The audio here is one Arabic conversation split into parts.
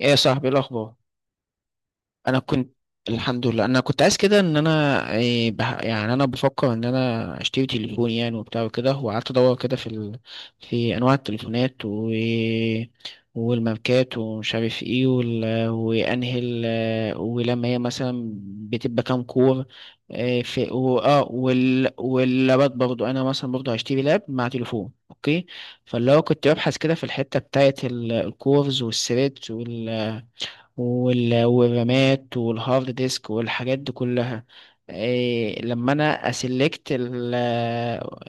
ايه يا صاحبي، إيه الاخبار؟ انا كنت الحمد لله، انا كنت عايز كده ان انا إيه يعني انا بفكر ان انا اشتري تليفون، يعني وبتاع وكده، وقعدت ادور كده في في انواع التليفونات والماركات ومش عارف ايه ولما هي مثلا بتبقى كام كور، إيه في واللابات برضو. انا مثلا برضو هشتري لاب مع تليفون. اوكي، فاللي هو كنت ببحث كده في الحتة بتاعت الكورز والثريدز والرامات والهارد ديسك والحاجات دي كلها، إيه لما انا اسلكت ال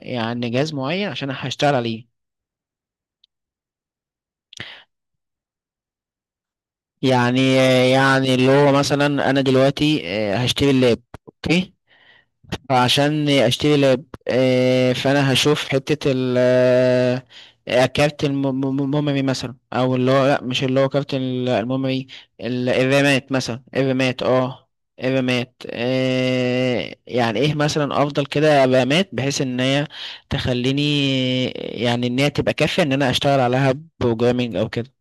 يعني جهاز معين عشان هشتغل عليه. يعني يعني اللي هو مثلا انا دلوقتي هشتري اللاب. اوكي، عشان اشتري لاب، فانا هشوف حتة ال كارت الميموري مثلا، او اللي هو لا، مش اللي هو كارت الميموري، الرامات مثلا، الرامات اه. الرامات، يعني ايه مثلا افضل كده رامات بحيث ان هي تخليني، يعني ان هي تبقى كافية ان انا اشتغل عليها بروجرامينج او كده.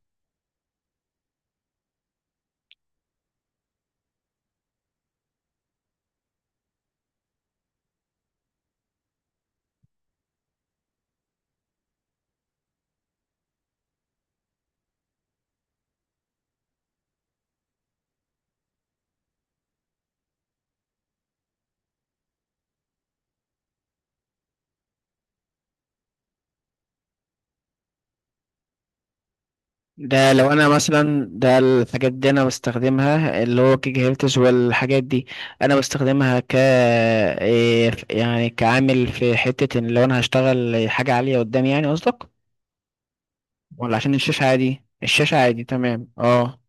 ده لو انا مثلا، ده الحاجات دي انا بستخدمها اللي هو كيك هيلتش والحاجات دي، انا بستخدمها ك إيه يعني كعامل في حتة ان لو انا هشتغل حاجة عالية قدامي، يعني قصدك؟ ولا عشان الشاشة؟ عادي الشاشة عادي تمام اه.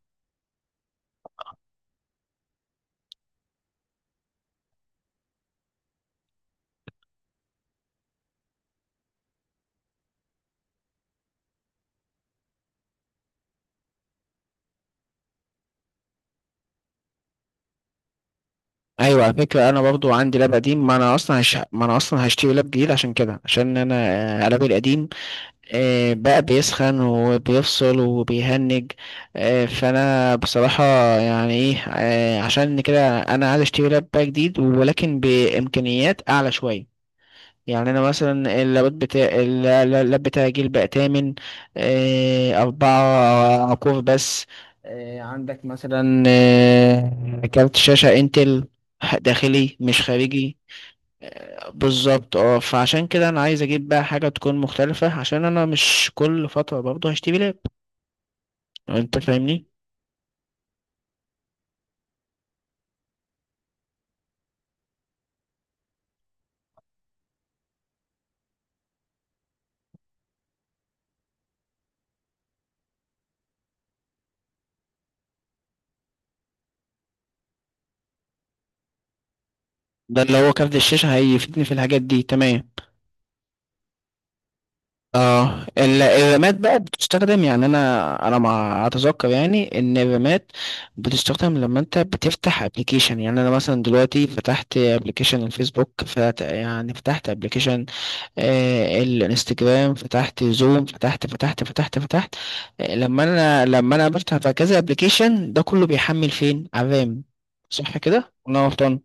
ايوه، على فكرة انا برضو عندي لاب قديم. ما انا اصلا هشتري لاب جديد عشان كده، عشان انا لابي القديم بقى بيسخن وبيفصل وبيهنج. فانا بصراحة يعني ايه، عشان كده انا عايز اشتري لاب بقى جديد ولكن بامكانيات اعلى شوية. يعني انا مثلا اللابات بتاع اللاب بتاعي جيل بقى تامن، 4 كور بس. عندك مثلا كارت شاشة انتل، داخلي مش خارجي. بالظبط اه، فعشان كده انا عايز اجيب بقى حاجه تكون مختلفه عشان انا مش كل فتره برضه هشتري لاب. انت فاهمني؟ ده اللي هو كارت الشاشه هيفيدني في الحاجات دي تمام. اه الرامات بقى بتستخدم، يعني انا ما اتذكر يعني ان الرامات بتستخدم لما انت بتفتح ابلكيشن. يعني انا مثلا دلوقتي فتحت ابلكيشن الفيسبوك، يعني فتحت ابلكيشن الانستجرام، فتحت زوم، فتحت، لما انا بفتح بقى كذا ابلكيشن ده كله بيحمل فين؟ على الرام صح كده ولا انا غلطان؟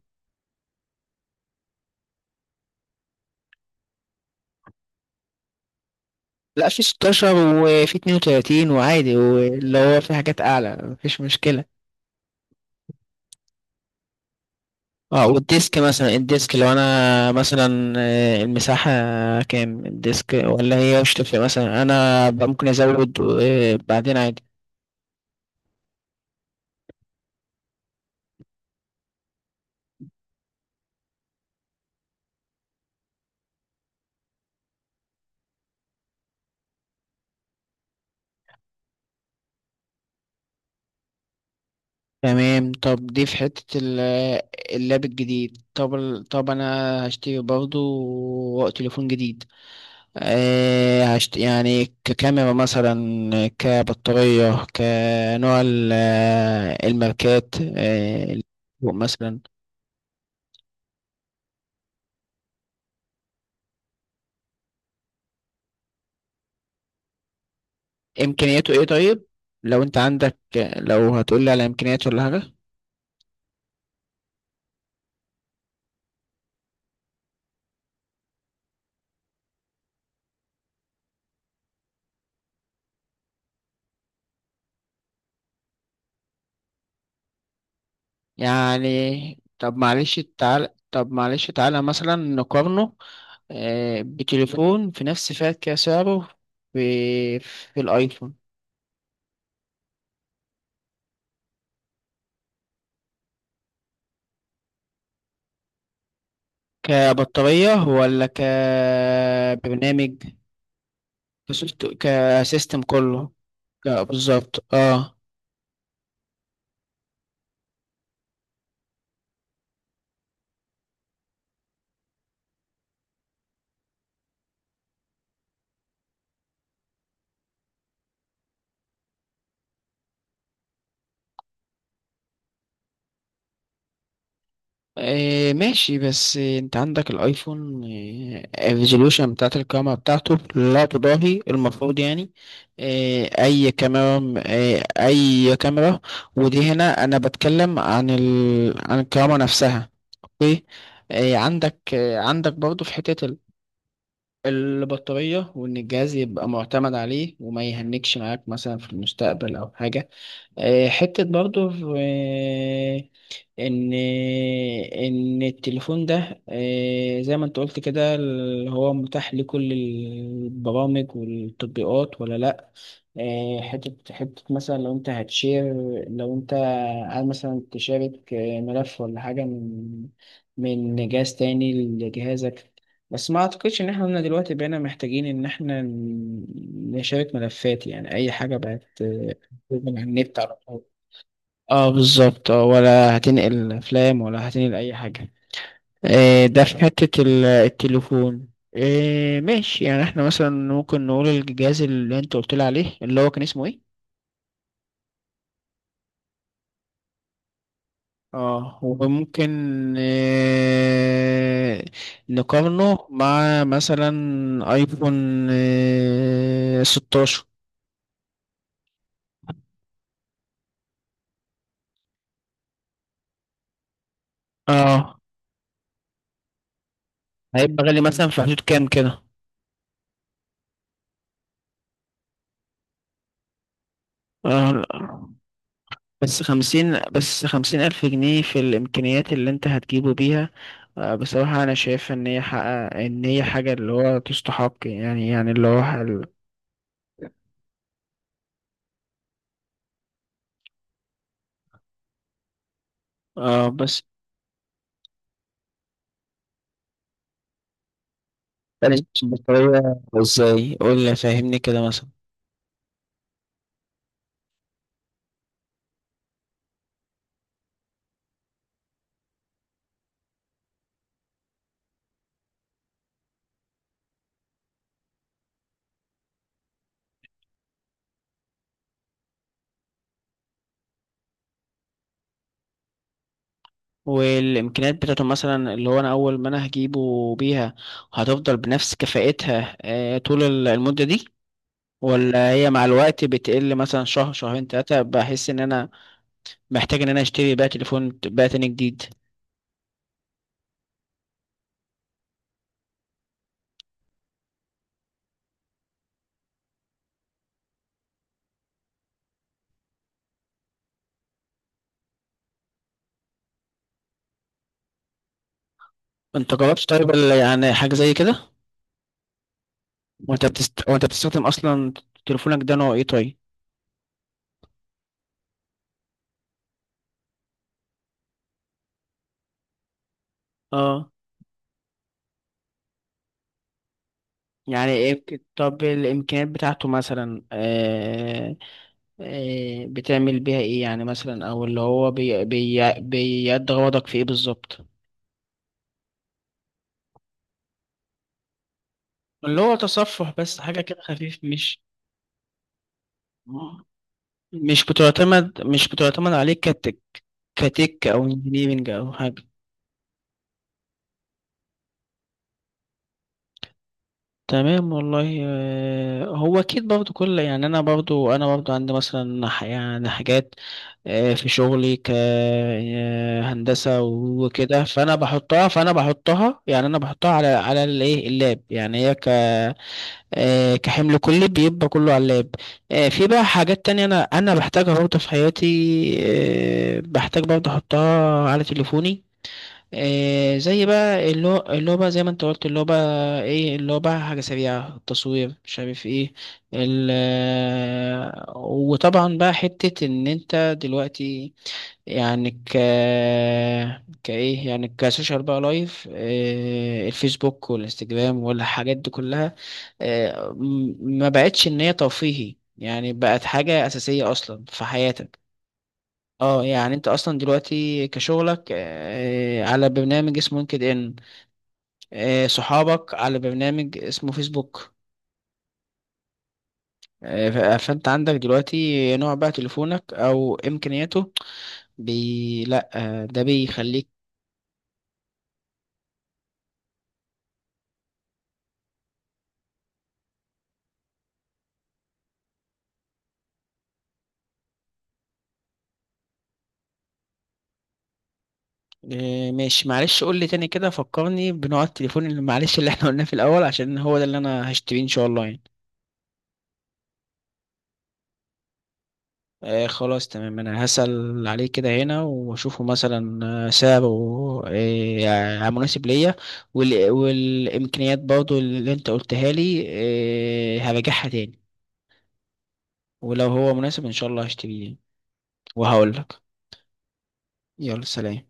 لا، في 16 وفي 32 وعادي، واللي هو في حاجات اعلى مفيش مشكله. اه، والديسك مثلا، الديسك لو انا مثلا المساحه كام الديسك؟ ولا هي مش تفرق؟ مثلا انا بقى ممكن ازود بعدين. تمام، طب دي في حتة اللاب الجديد. طب طب انا هشتري برضه تليفون جديد. أه يعني ككاميرا مثلا، كبطارية، كنوع الماركات أه مثلا. امكانياته ايه طيب لو انت عندك، لو هتقولي على امكانياته ولا حاجة؟ يعني طب معلش تعالى مثلا نقارنه بتليفون في نفس فئة كده سعره. في الأيفون، كبطارية ولا كبرنامج؟ كسيستم كله. لا بالظبط اه. ماشي، بس انت عندك الايفون الريزولوشن بتاعت الكاميرا بتاعته لا تضاهي المفروض يعني اي كاميرا، اي كاميرا. ودي هنا انا بتكلم عن عن الكاميرا نفسها. اوكي، عندك برضه في حتة البطارية، وان الجهاز يبقى معتمد عليه وما يهنكش معاك مثلا في المستقبل او حاجة. حتة برضو آه، إن، إن التليفون ده زي ما أنت قلت كده اللي هو متاح لكل البرامج والتطبيقات ولا لأ. حتة مثلا لو أنت هتشير، لو أنت عايز مثلا تشارك ملف ولا حاجة من من جهاز تاني لجهازك. بس ما أعتقدش إن إحنا دلوقتي بقينا محتاجين إن إحنا نشارك ملفات. يعني أي حاجة بقت من على النت على طول. اه بالظبط اه، ولا هتنقل افلام ولا هتنقل اي حاجه. آه، ده في حته التليفون. آه ماشي، يعني احنا مثلا ممكن نقول الجهاز اللي انت قلت لي عليه اللي هو كان اسمه ايه؟ اه، وممكن آه نقارنه مع مثلا ايفون آه 16. اه، هيبقى غالي مثلا في حدود كام كده؟ اه، بس 50,000 جنيه في الإمكانيات اللي أنت هتجيبه بيها، بصراحة أنا شايف إن هي حاجة اللي هو تستحق يعني. يعني اللي هو حل. اه بس، بلاش بطارية ازاي، قول لي فهمني كده مثلا. والإمكانيات بتاعته مثلا اللي هو أنا أول ما أنا هجيبه بيها هتفضل بنفس كفاءتها طول المدة دي؟ ولا هي مع الوقت بتقل مثلا شهر شهرين تلاتة بحس إن أنا محتاج إن أنا أشتري بقى تليفون بقى تاني جديد؟ انت جربت طيب يعني حاجة زي كده؟ وانت بتستخدم اصلا تليفونك ده نوع ايه طيب؟ اه، يعني ايه طب الامكانيات بتاعته مثلا بتعمل بيها ايه؟ يعني مثلا، او اللي هو بيأدي غرضك في ايه بالظبط؟ اللي هو تصفح بس، حاجة كده خفيف، مش مش بتعتمد عليك كتك او انجينيرنج او حاجة؟ تمام والله. هو اكيد برضو كل، يعني انا برضو عندي مثلا يعني حاجات في شغلي كهندسة وكده، فانا بحطها فانا بحطها يعني انا بحطها على على الايه، اللاب، يعني هي ك كحمل كلي بيبقى كله على اللاب. في بقى حاجات تانية انا بحتاجها برضو في حياتي، بحتاج برضو احطها على تليفوني، إيه زي بقى اللعبة، زي ما انت قلت اللعبة ايه، اللعبة حاجة سريعة، التصوير مش عارف ايه، ال وطبعا بقى حتة ان انت دلوقتي يعني ك كايه، يعني كسوشيال بقى لايف، إيه، الفيسبوك والانستجرام والحاجات دي كلها، إيه ما بقتش ان هي ترفيهي، يعني بقت حاجة أساسية أصلا في حياتك. اه، يعني انت اصلا دلوقتي كشغلك على برنامج اسمه لينكد ان، صحابك على برنامج اسمه فيسبوك. فانت عندك دلوقتي نوع بقى تليفونك او امكانياته لا، ده بيخليك. ماشي، معلش قول لي تاني كده، فكرني بنوع التليفون اللي معلش اللي احنا قلناه في الاول، عشان هو ده اللي انا هشتريه ان شاء الله يعني. آه خلاص تمام، انا هسأل عليه كده هنا واشوفه مثلا سعره آه يعني مناسب ليا، والامكانيات برضو اللي انت قلتها لي آه هراجعها تاني، ولو هو مناسب ان شاء الله هشتريه يعني. وهقول لك. يلا سلام.